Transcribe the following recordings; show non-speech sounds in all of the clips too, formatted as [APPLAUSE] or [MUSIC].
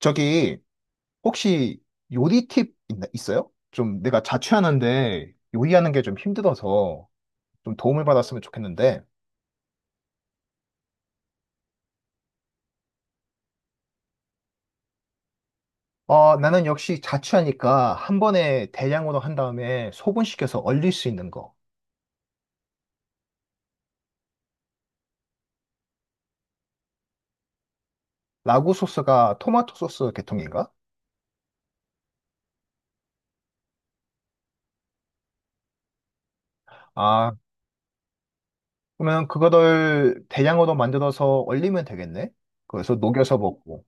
저기 혹시 요리 팁 있어요? 좀 내가 자취하는데 요리하는 게 좀 힘들어서 좀 도움을 받았으면 좋겠는데. 어, 나는 역시 자취하니까 한 번에 대량으로 한 다음에 소분시켜서 얼릴 수 있는 거. 라구 소스가 토마토 소스 계통인가? 아, 그러면 그거를 대량으로 만들어서 얼리면 되겠네? 그래서 녹여서 먹고.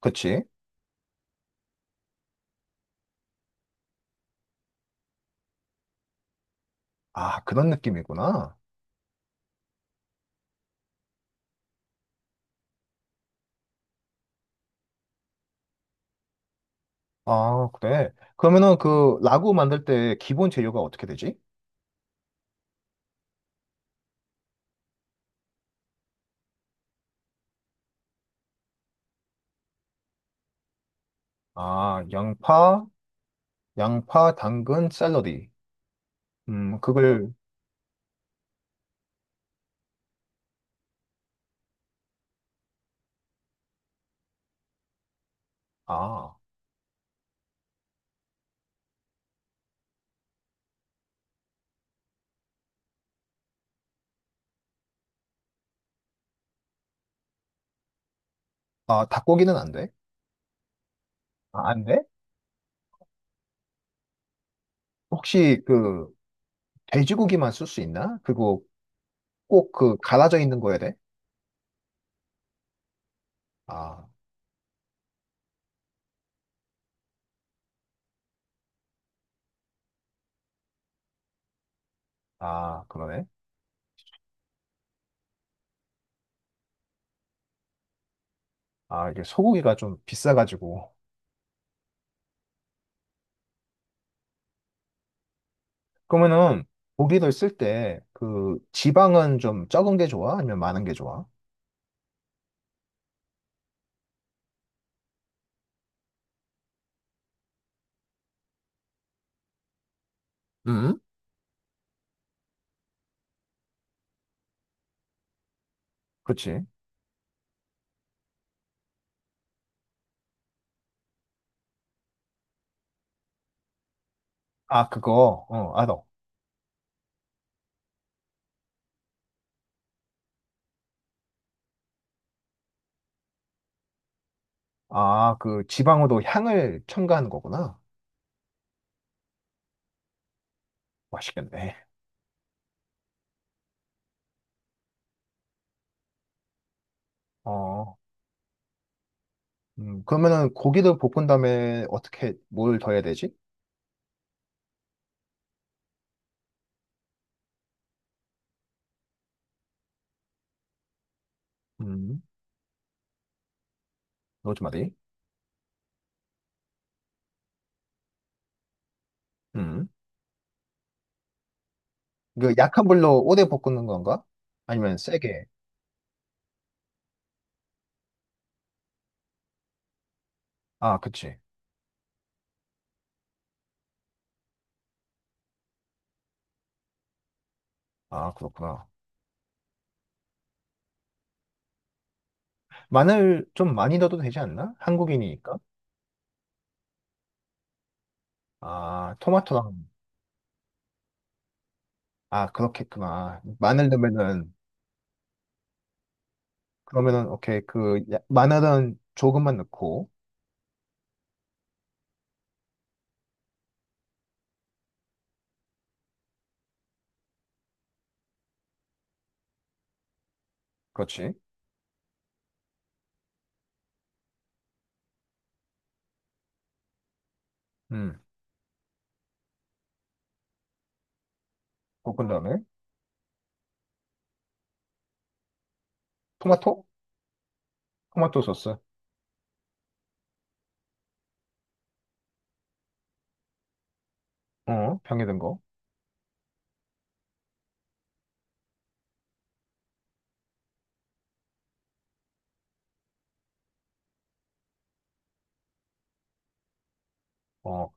그치? 아, 그런 느낌이구나. 아, 그래. 그러면은 그 라구 만들 때 기본 재료가 어떻게 되지? 아, 양파, 양파, 당근, 샐러리. 그걸. 아, 아, 닭고기는 안 돼? 아, 안 돼? 혹시 그, 돼지고기만 쓸 수 있나? 그거 꼭 그, 갈아져 있는 거야 돼? 아, 아, 그러네. 아, 이게 소고기가 좀 비싸가지고. 그러면은, 고기를 쓸 때, 그, 지방은 좀 적은 게 좋아? 아니면 많은 게 좋아? 음? 그렇지. 아, 그거, 어, 알아. 아, 그 지방으로 향을 첨가하는 거구나. 맛있겠네. 어. 그러면은 고기를 볶은 다음에 어떻게 뭘 더해야 되지? 음, 로즈마리. 음. 그 약한 불로 오래 볶는 건가? 아니면 세게? 아, 그치. 아, 그렇구나. 마늘 좀 많이 넣어도 되지 않나? 한국인이니까. 아, 토마토랑. 아, 그렇겠구나. 마늘 넣으면은. 그러면은, 오케이. 마늘은 조금만 넣고. 그렇지. 음, 볶은 다음에. 토마토? 토마토 소스. 어, 병에 든 거. 어.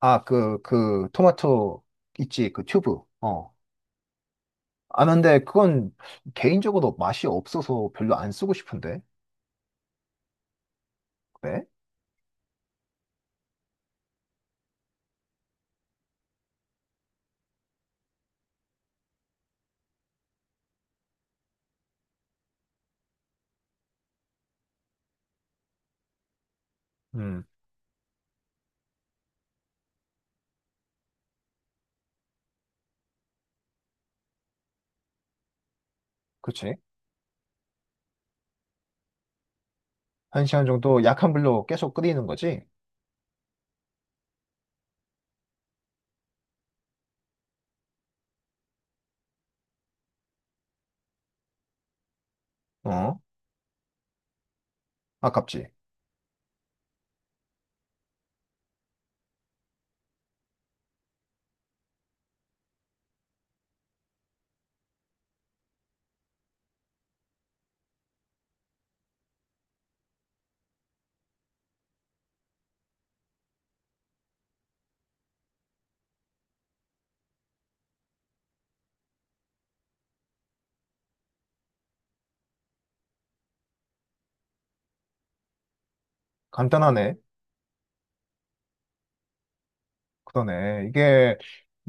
아, 그, 토마토 있지, 그 튜브. 어. 아, 근데 그건 개인적으로 맛이 없어서 별로 안 쓰고 싶은데. 그래? 음, 그치. 한 시간 정도 약한 불로 계속 끓이는 거지? 어? 아깝지. 간단하네. 그러네.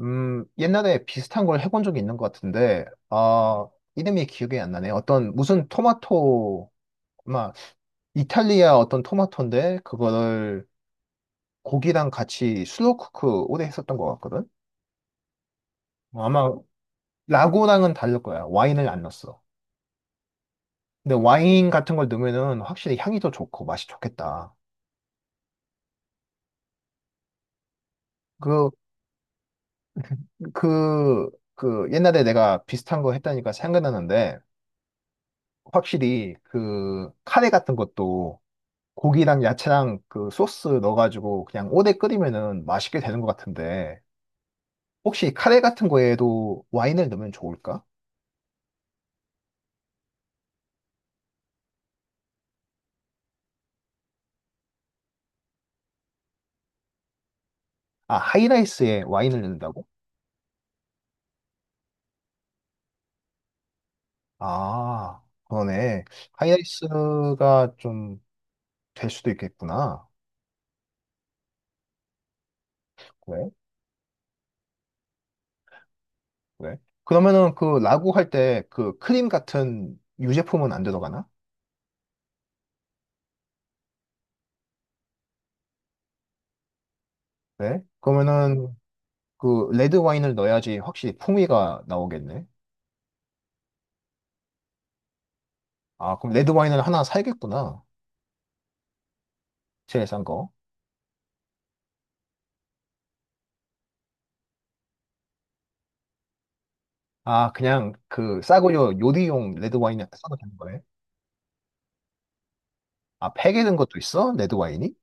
옛날에 비슷한 걸 해본 적이 있는 것 같은데, 아, 이름이 기억이 안 나네. 어떤, 무슨 토마토, 막, 이탈리아 어떤 토마토인데, 그거를 고기랑 같이 슬로우쿠크 오래 했었던 것 같거든? 뭐 아마 라고랑은 다를 거야. 와인을 안 넣었어. 근데 와인 같은 걸 넣으면은 확실히 향이 더 좋고 맛이 좋겠다. 그, 그, 그 옛날에 내가 비슷한 거 했다니까 생각나는데, 확실히 그 카레 같은 것도 고기랑 야채랑 그 소스 넣어가지고 그냥 오래 끓이면은 맛있게 되는 것 같은데, 혹시 카레 같은 거에도 와인을 넣으면 좋을까? 아, 하이라이스에 와인을 넣는다고? 아, 그러네. 하이라이스가 좀 될 수도 있겠구나. 왜? 왜? 그러면은 그 라고 할 때 그 크림 같은 유제품은 안 들어가나? 네? 그러면은 그 레드 와인을 넣어야지 확실히 풍미가 나오겠네. 아, 그럼 레드 와인을 하나 사야겠구나. 제일 싼 거. 아, 그냥 그 싸구려 요리용 레드 와인 사도 되는 거네. 아, 팩에 든 것도 있어? 레드 와인이?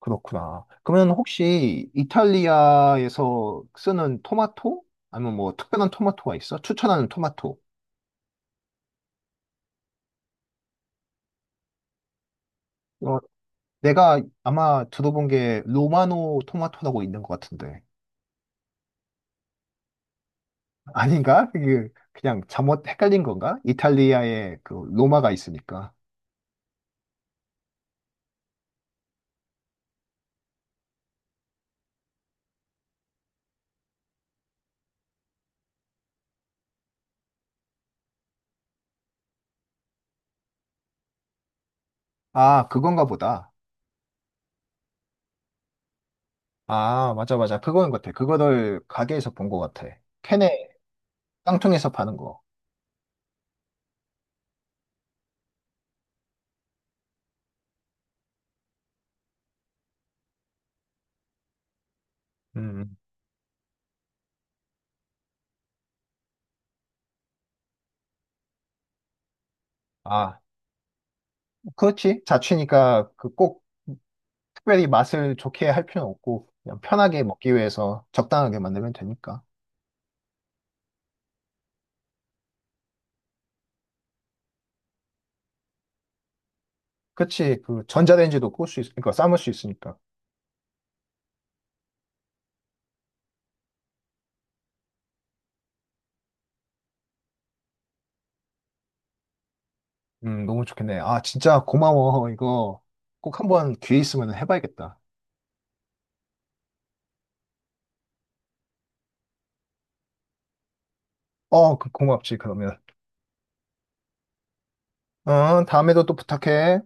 그렇구나. 그러면 혹시 이탈리아에서 쓰는 토마토? 아니면 뭐 특별한 토마토가 있어? 추천하는 토마토? 어, 내가 아마 들어본 게 로마노 토마토라고 있는 것 같은데. [LAUGHS] 아닌가? 이게 그냥 잘못 헷갈린 건가? 이탈리아에 그 로마가 있으니까. 아, 그건가 보다. 아, 맞아, 맞아. 그거인 것 같아. 그거를 가게에서 본 것 같아. 캔에, 깡통에서 파는 거. 음. 음. 아, 그렇지. 자취니까 그 꼭 특별히 맛을 좋게 할 필요는 없고, 그냥 편하게 먹기 위해서 적당하게 만들면 되니까. 그치. 그 전자레인지도 끌수 있, 으니까 삶을 수 있으니까. 너무 좋겠네. 아, 진짜 고마워. [LAUGHS] 이거 꼭 한번 기회 있으면 해봐야겠다. 어, 고맙지, 그러면. 어, 다음에도 또 부탁해.